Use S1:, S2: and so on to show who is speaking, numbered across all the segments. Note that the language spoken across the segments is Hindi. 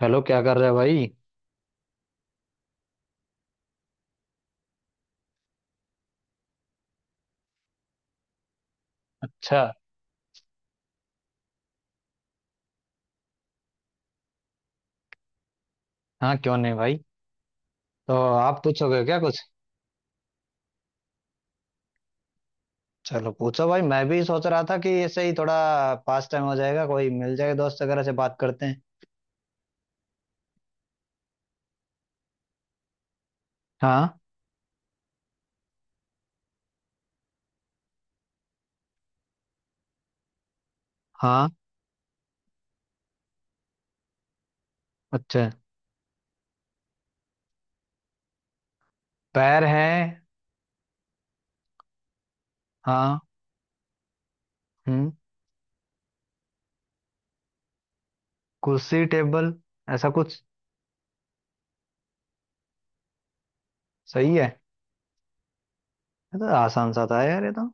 S1: हेलो, क्या कर रहे हो भाई। अच्छा। हाँ, क्यों नहीं भाई। तो आप पूछोगे क्या कुछ? चलो पूछो भाई, मैं भी सोच रहा था कि ऐसे ही थोड़ा पास टाइम हो जाएगा, कोई मिल जाएगा, दोस्त वगैरह से बात करते हैं। हाँ हाँ। अच्छा। पैर है। हाँ। हम्म। कुर्सी, टेबल, ऐसा कुछ। सही है। ये तो आसान सा था यार, ये तो।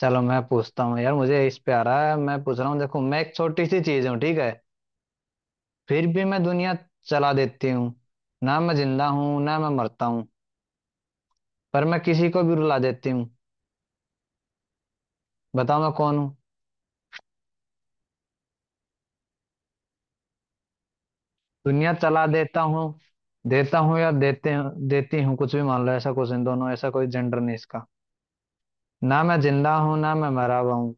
S1: चलो मैं पूछता हूँ यार, मुझे इस पे आ रहा है, मैं पूछ रहा हूँ। देखो, मैं एक छोटी सी चीज हूँ, ठीक है? फिर भी मैं दुनिया चला देती हूँ। ना मैं जिंदा हूँ ना मैं मरता हूँ, पर मैं किसी को भी रुला देती हूँ। बताओ मैं कौन हूँ? दुनिया चला देता हूँ। देता हूँ या देते, देती हूँ, कुछ भी मान लो। ऐसा कुछ, इन दोनों ऐसा कोई जेंडर नहीं इसका। ना मैं जिंदा हूँ ना मैं मरा हुआ हूँ,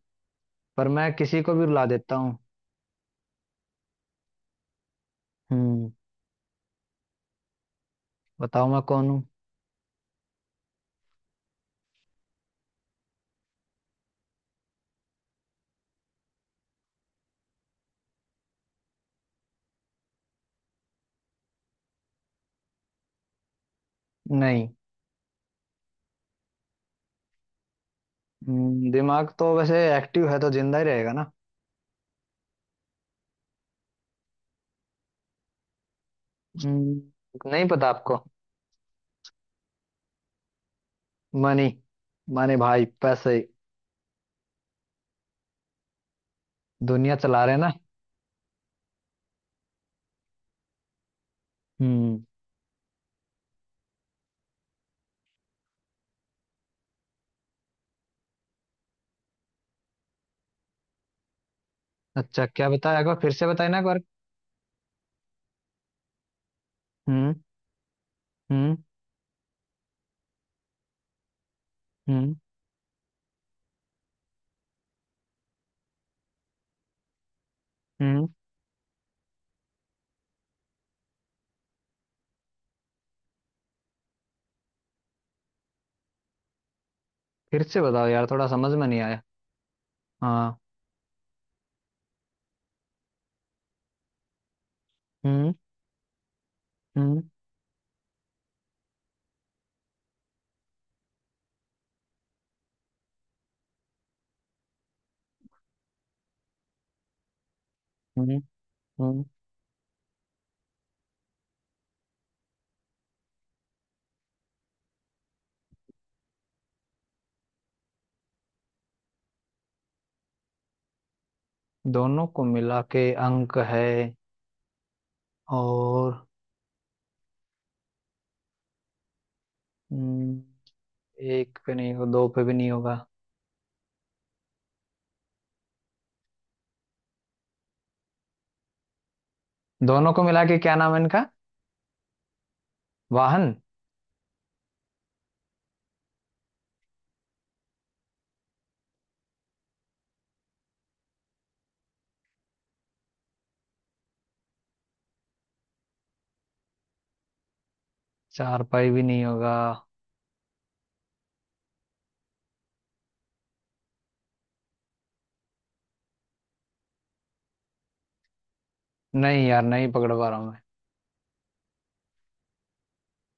S1: पर मैं किसी को भी रुला देता हूँ। हम्म। बताओ मैं कौन हूँ? नहीं। दिमाग तो वैसे एक्टिव है तो जिंदा ही रहेगा ना। हम्म, नहीं पता आपको। मनी। मनी भाई, पैसे। दुनिया चला रहे हैं ना। हम्म। अच्छा, क्या बताया एक बार फिर से बताए ना एक बार। हम्म। हम्म। हम्म। हम्म। फिर से बताओ यार, थोड़ा समझ में नहीं आया। हाँ। हम्म। हम्म। हम्म। हम्म। दोनों को मिला के अंक है और हम्म, एक पे नहीं हो, दो पे भी नहीं होगा। दोनों को मिला के क्या नाम है इनका? वाहन? चार पाई भी नहीं होगा? नहीं यार, नहीं पकड़ पा रहा हूँ मैं।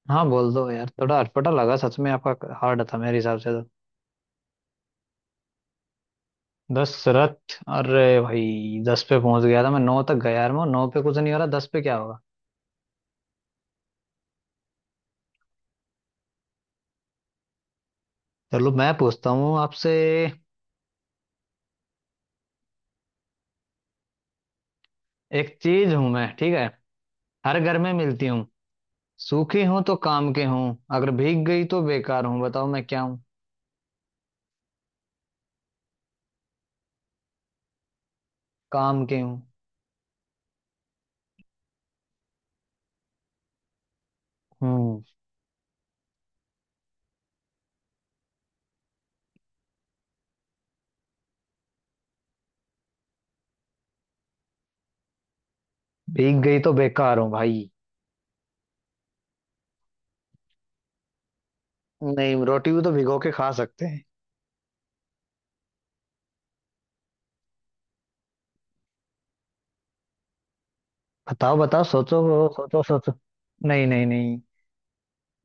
S1: हाँ, बोल दो यार, थोड़ा अटपटा लगा सच में, आपका हार्ड था मेरे हिसाब से तो। दशरथ? अरे भाई, दस पे पहुंच गया था मैं, नौ तक गया यार, मैं नौ पे कुछ नहीं हो रहा, दस पे क्या होगा। चलो मैं पूछता हूँ आपसे। एक चीज हूं मैं, ठीक है? हर घर में मिलती हूँ। सूखी हूं तो काम के हूँ। अगर भीग गई तो बेकार हूँ, बताओ मैं क्या हूँ। काम के हूँ। हम्म। भीग गई तो बेकार हूँ भाई। नहीं, रोटी भी तो भिगो के खा सकते हैं। बताओ बताओ, सोचो। सोचो सोचो। नहीं नहीं नहीं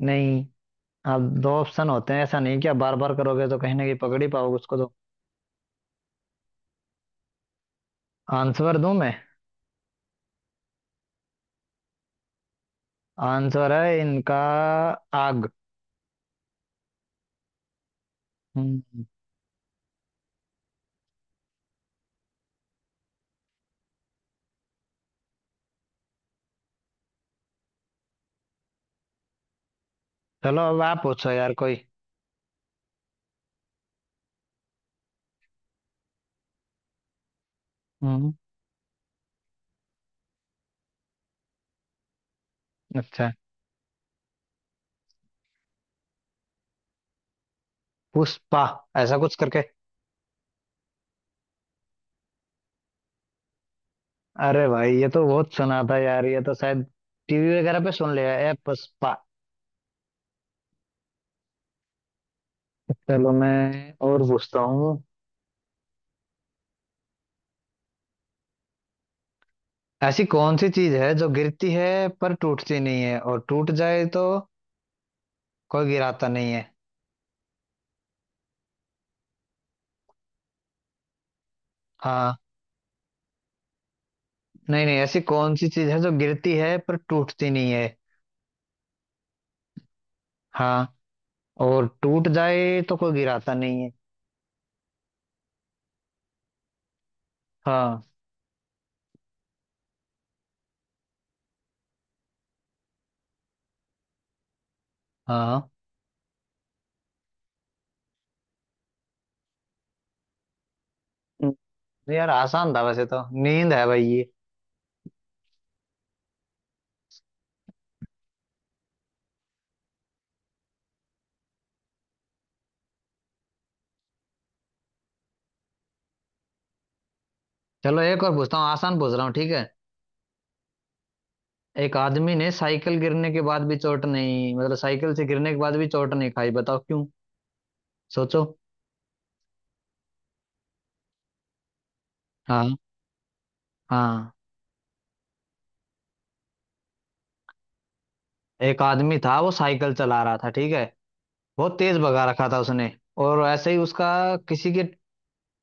S1: नहीं। अब दो ऑप्शन होते हैं, ऐसा नहीं कि आप बार बार करोगे तो कहीं ना कहीं पकड़ ही पाओगे उसको तो। आंसर दूं मैं? आंसर है इनका, आग। हम्म। चलो अब आप पूछो यार कोई। हम्म। अच्छा। पुष्पा। ऐसा कुछ करके। अरे भाई, ये तो बहुत सुना था यार, ये तो शायद टीवी वगैरह पे सुन लिया है, पुष्पा। चलो मैं और पूछता हूँ। ऐसी कौन सी चीज है जो गिरती है पर टूटती नहीं है, और टूट जाए तो कोई गिराता नहीं है। हाँ। नहीं नहीं, ऐसी कौन सी चीज है जो गिरती है पर टूटती नहीं है। हाँ। और टूट जाए तो कोई गिराता नहीं है। हाँ। हाँ। हम्म, यार आसान था वैसे तो, नींद है भाई ये। चलो एक और पूछता हूँ, आसान पूछ रहा हूँ, ठीक है? एक आदमी ने साइकिल गिरने के बाद भी चोट नहीं, मतलब साइकिल से गिरने के बाद भी चोट नहीं खाई, बताओ क्यों। सोचो। हाँ। हाँ। एक आदमी था, वो साइकिल चला रहा था, ठीक है? बहुत तेज भगा रखा था उसने। और ऐसे ही उसका किसी के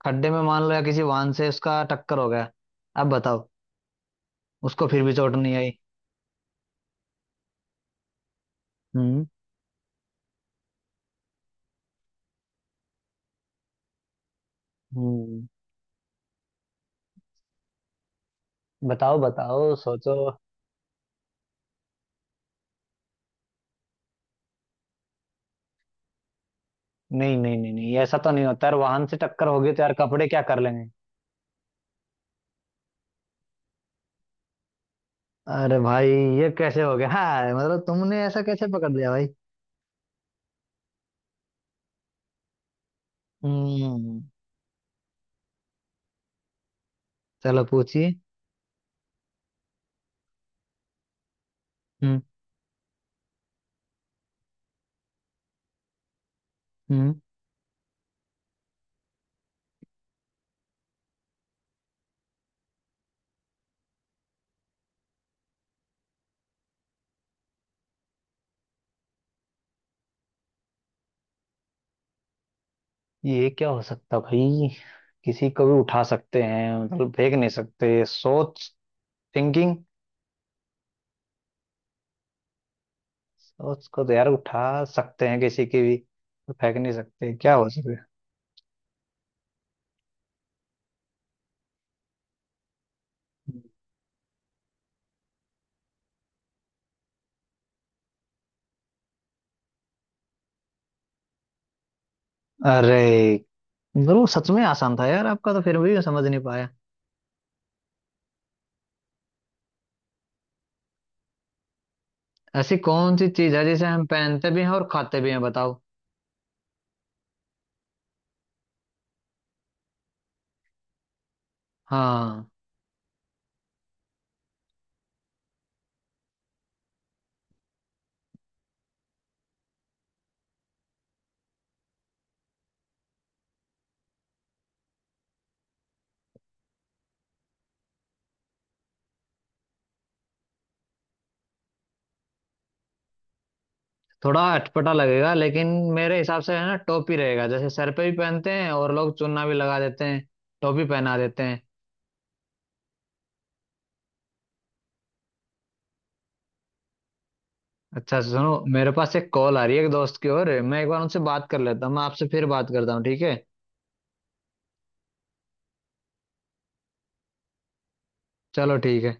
S1: खड्डे में, मान लो, या किसी वाहन से उसका टक्कर हो गया। अब बताओ, उसको फिर भी चोट नहीं आई। हम्म। हम्म। बताओ बताओ सोचो। नहीं नहीं नहीं नहीं, ऐसा तो नहीं होता यार, वाहन से टक्कर होगी तो यार कपड़े क्या कर लेंगे। अरे भाई, ये कैसे हो गया, हाँ, मतलब तुमने ऐसा कैसे पकड़ लिया भाई। हम्म। चलो पूछिए। हम्म। हम्म। ये क्या हो सकता भाई। किसी को भी उठा सकते हैं मतलब, फेंक नहीं सकते। सोच। थिंकिंग। सोच को तो यार उठा सकते हैं किसी की भी, तो फेंक नहीं सकते, क्या हो सकता है? अरे, मतलब वो सच में आसान था यार आपका, तो फिर भी मैं समझ नहीं पाया। ऐसी कौन सी चीज है जिसे हम पहनते भी हैं और खाते भी हैं, बताओ। हाँ। थोड़ा अटपटा लगेगा लेकिन मेरे हिसाब से है ना, टोपी रहेगा, जैसे सर पे भी पहनते हैं और लोग चुन्ना भी लगा देते हैं, टोपी पहना देते हैं। अच्छा सुनो, मेरे पास एक कॉल आ रही है एक दोस्त की ओर, मैं एक बार उनसे बात कर लेता हूँ, मैं आपसे फिर बात करता हूँ, ठीक है? चलो ठीक है।